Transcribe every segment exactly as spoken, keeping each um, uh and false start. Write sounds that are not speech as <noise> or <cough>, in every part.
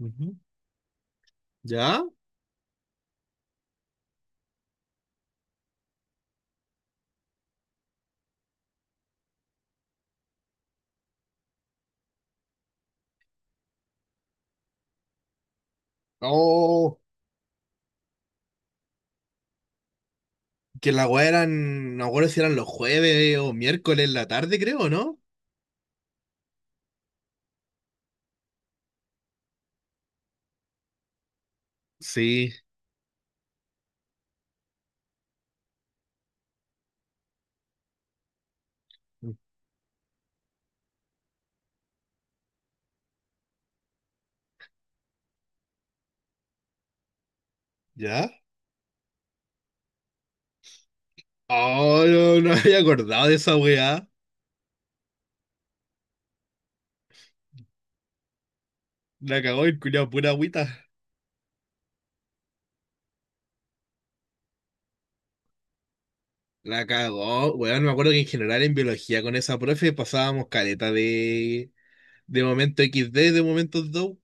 Ujú. ¿Ya? Oh, que la weá eran, no me acuerdo si eran los jueves o miércoles en la tarde, creo, ¿no? Sí. ¿Ya? Oh, no, no <laughs> me había acordado de esa weá. La cagó el culiao, pura agüita. La cagó. Weón, me acuerdo que en general en biología con esa profe pasábamos caleta de, de momento equis de, de de momentos do.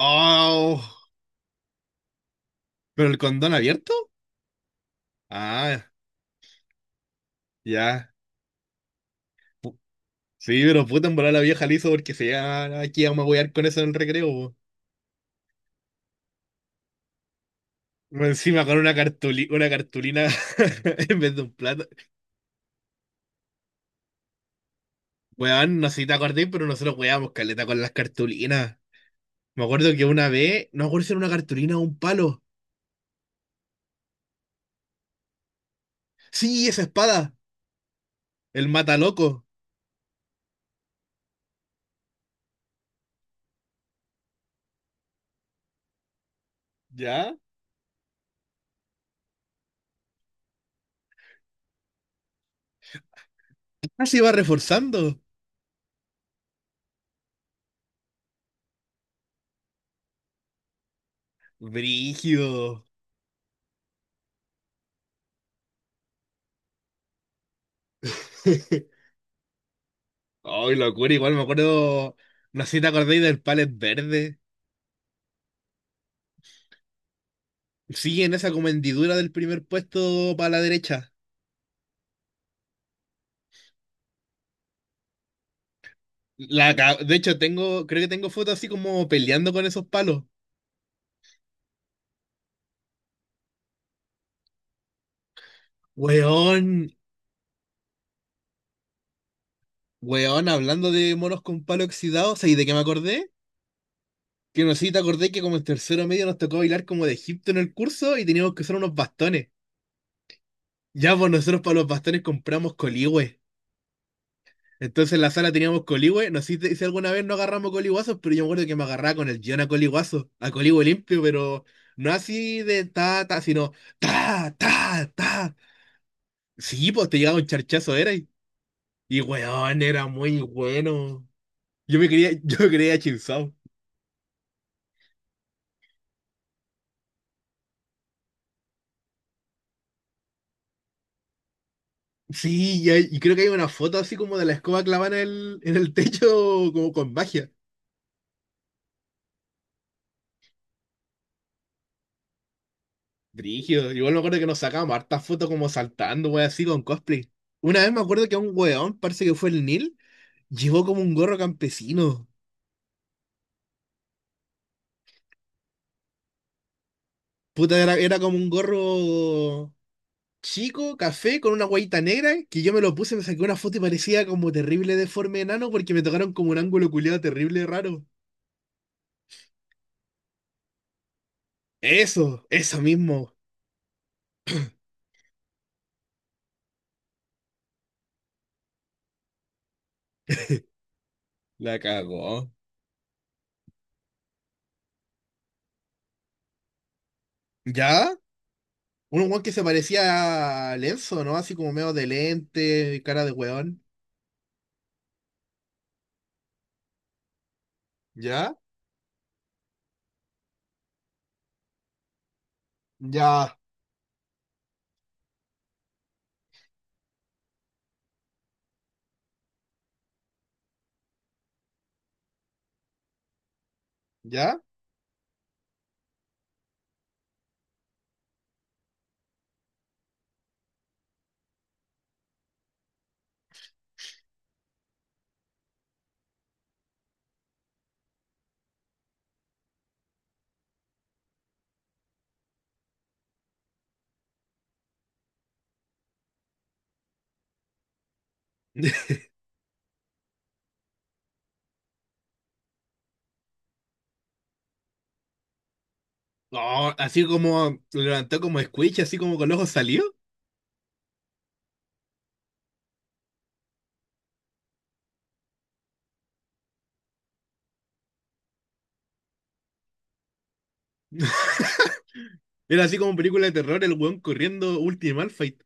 Oh, ¿pero el condón abierto? Ah, ya. Pu- Sí, pero puta en volar la vieja liso porque se ya aquí vamos a wear con eso en el recreo. Encima con una cartuli- una cartulina <laughs> en vez de un plato. Weón, no sé si te acordás, pero nosotros weábamos caleta con las cartulinas. Me acuerdo que una vez, no me acuerdo si era una cartulina o un palo. Sí, esa espada, el mataloco. ¿Ya? Ah, se iba reforzando. Brígido. <laughs> Ay, locura, igual me acuerdo. No sé si te acordáis del palet verde. Sí, en esa como hendidura del primer puesto para la derecha. La, ca- de hecho, tengo, creo que tengo fotos así como peleando con esos palos. Weón, weón, hablando de monos con palo oxidado, ¿sabes de qué me acordé? Que no sé si te acordé que como en tercero medio nos tocó bailar como de Egipto en el curso y teníamos que usar unos bastones. Ya, pues nosotros para los bastones compramos coligüe. Entonces en la sala teníamos coligüe. No sé si, te- si alguna vez no agarramos coligüazos, pero yo me acuerdo que me agarraba con el guión a coligüazo, a coligüe limpio, pero no así de ta, ta, sino ta, ta, ta. Sí, pues te llegaba un charchazo, era. Y, y weón, era muy bueno. Yo me quería, <laughs> yo me creía chinzao. Sí, y, hay- y creo que hay una foto así como de la escoba clavada en el, en el techo, como con magia. Brígido. Igual me acuerdo que nos sacábamos hartas fotos como saltando, wey, así con cosplay. Una vez me acuerdo que un weón, parece que fue el Neil, llevó como un gorro campesino. Puta, era, era como un gorro chico, café, con una guayita negra, que yo me lo puse, me saqué una foto y parecía como terrible deforme enano porque me tocaron como un ángulo culiado terrible raro. Eso, eso mismo. La cagó. ¿Ya? Un weón que se parecía a Lenzo, ¿no? Así como medio de lente, cara de weón. ¿Ya? Ya, ya. <laughs> No, así como lo levantó como Squeech, así como con los ojos salió. <laughs> Era así como película de terror, el weón corriendo Ultimate Fight.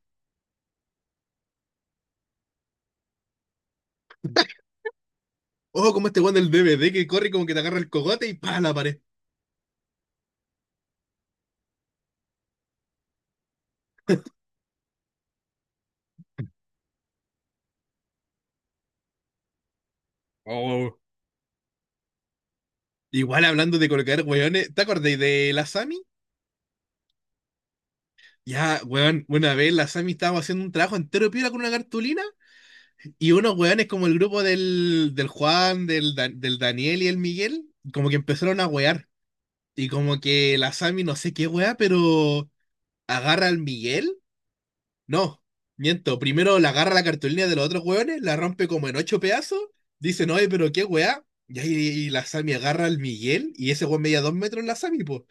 Ojo, como este weón del D V D que corre como que te agarra el cogote y pa, la pared. Oh. Igual hablando de colocar weones, ¿te acordáis de la Sami? Ya, weón, una vez la Sami estaba haciendo un trabajo entero piola con una cartulina. Y unos weones como el grupo del, del Juan, del, Dan- del Daniel y el Miguel, como que empezaron a wear. Y como que la Sami no sé qué wea, pero agarra al Miguel. No, miento. Primero la agarra la cartulina de los otros weones, la rompe como en ocho pedazos. Dicen, oye, pero qué wea. Y ahí y la Sami agarra al Miguel y ese weón medía dos metros la Sami, pues.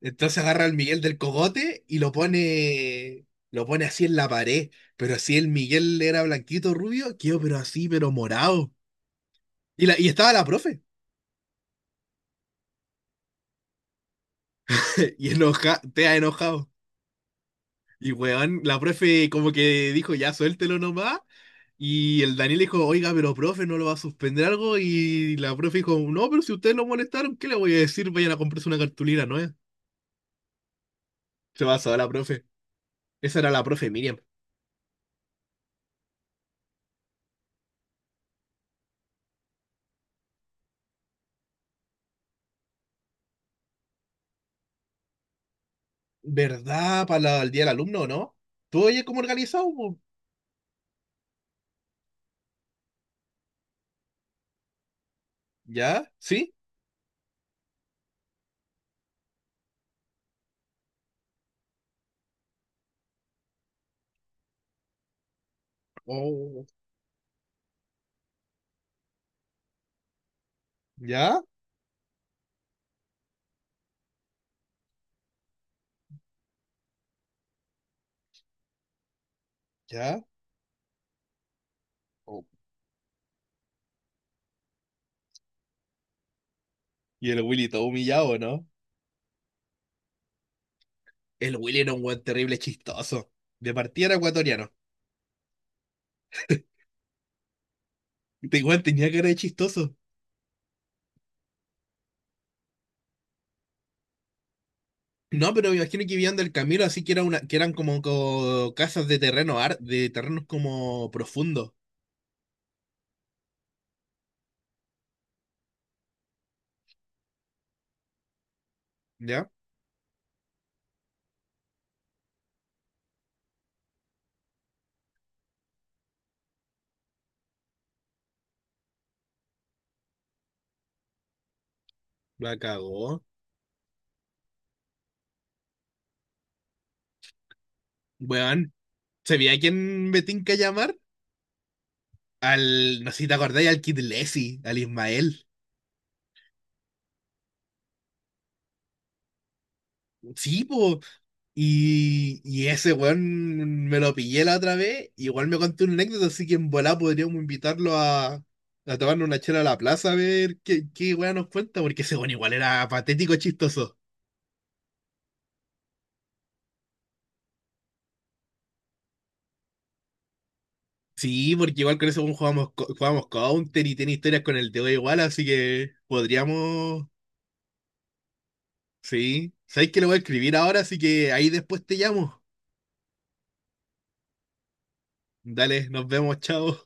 Entonces agarra al Miguel del cogote y lo pone, lo pone así en la pared. Pero así el Miguel era blanquito, rubio, quedó pero así, pero morado. Y, la, y estaba la profe. <laughs> Y enoja, te ha enojado. Y weón, la profe como que dijo, ya suéltelo nomás. Y el Daniel dijo, oiga, pero profe, ¿no lo va a suspender algo? Y la profe dijo, no, pero si ustedes lo molestaron, ¿qué le voy a decir? Vayan a comprarse una cartulina, ¿no es? Se pasó a la profe. Esa era la profe Miriam. ¿Verdad? Para la- el día del alumno, ¿no? ¿Tú oyes cómo organizado? Po? ¿Ya? ¿Sí? Oh, ¿ya? ¿Ya? Oh. Y el Willy todo humillado, ¿no? El Willy era un weón terrible chistoso. De partida era ecuatoriano. Te weón tenía que de chistoso. No, pero me imagino que vivían del camino, así que era una, que eran como, co- casas de terreno ar- de terrenos como profundos. ¿Ya? La cagó. Weón. ¿Sabía a quién me tinca llamar? Al, no sé si te acordáis, al Kid Leslie, al Ismael. Sí, po. Y, y ese weón me lo pillé la otra vez, igual me contó una anécdota, así que en volá podríamos invitarlo a, a tomarnos una chela a la plaza a ver qué, qué weón nos cuenta, porque ese weón igual era patético chistoso. Sí, porque igual con ese weón jugamos, co- jugamos Counter y tiene historias con el dedo igual, así que podríamos, sí. ¿Sabéis que lo voy a escribir ahora? Así que ahí después te llamo. Dale, nos vemos, chao.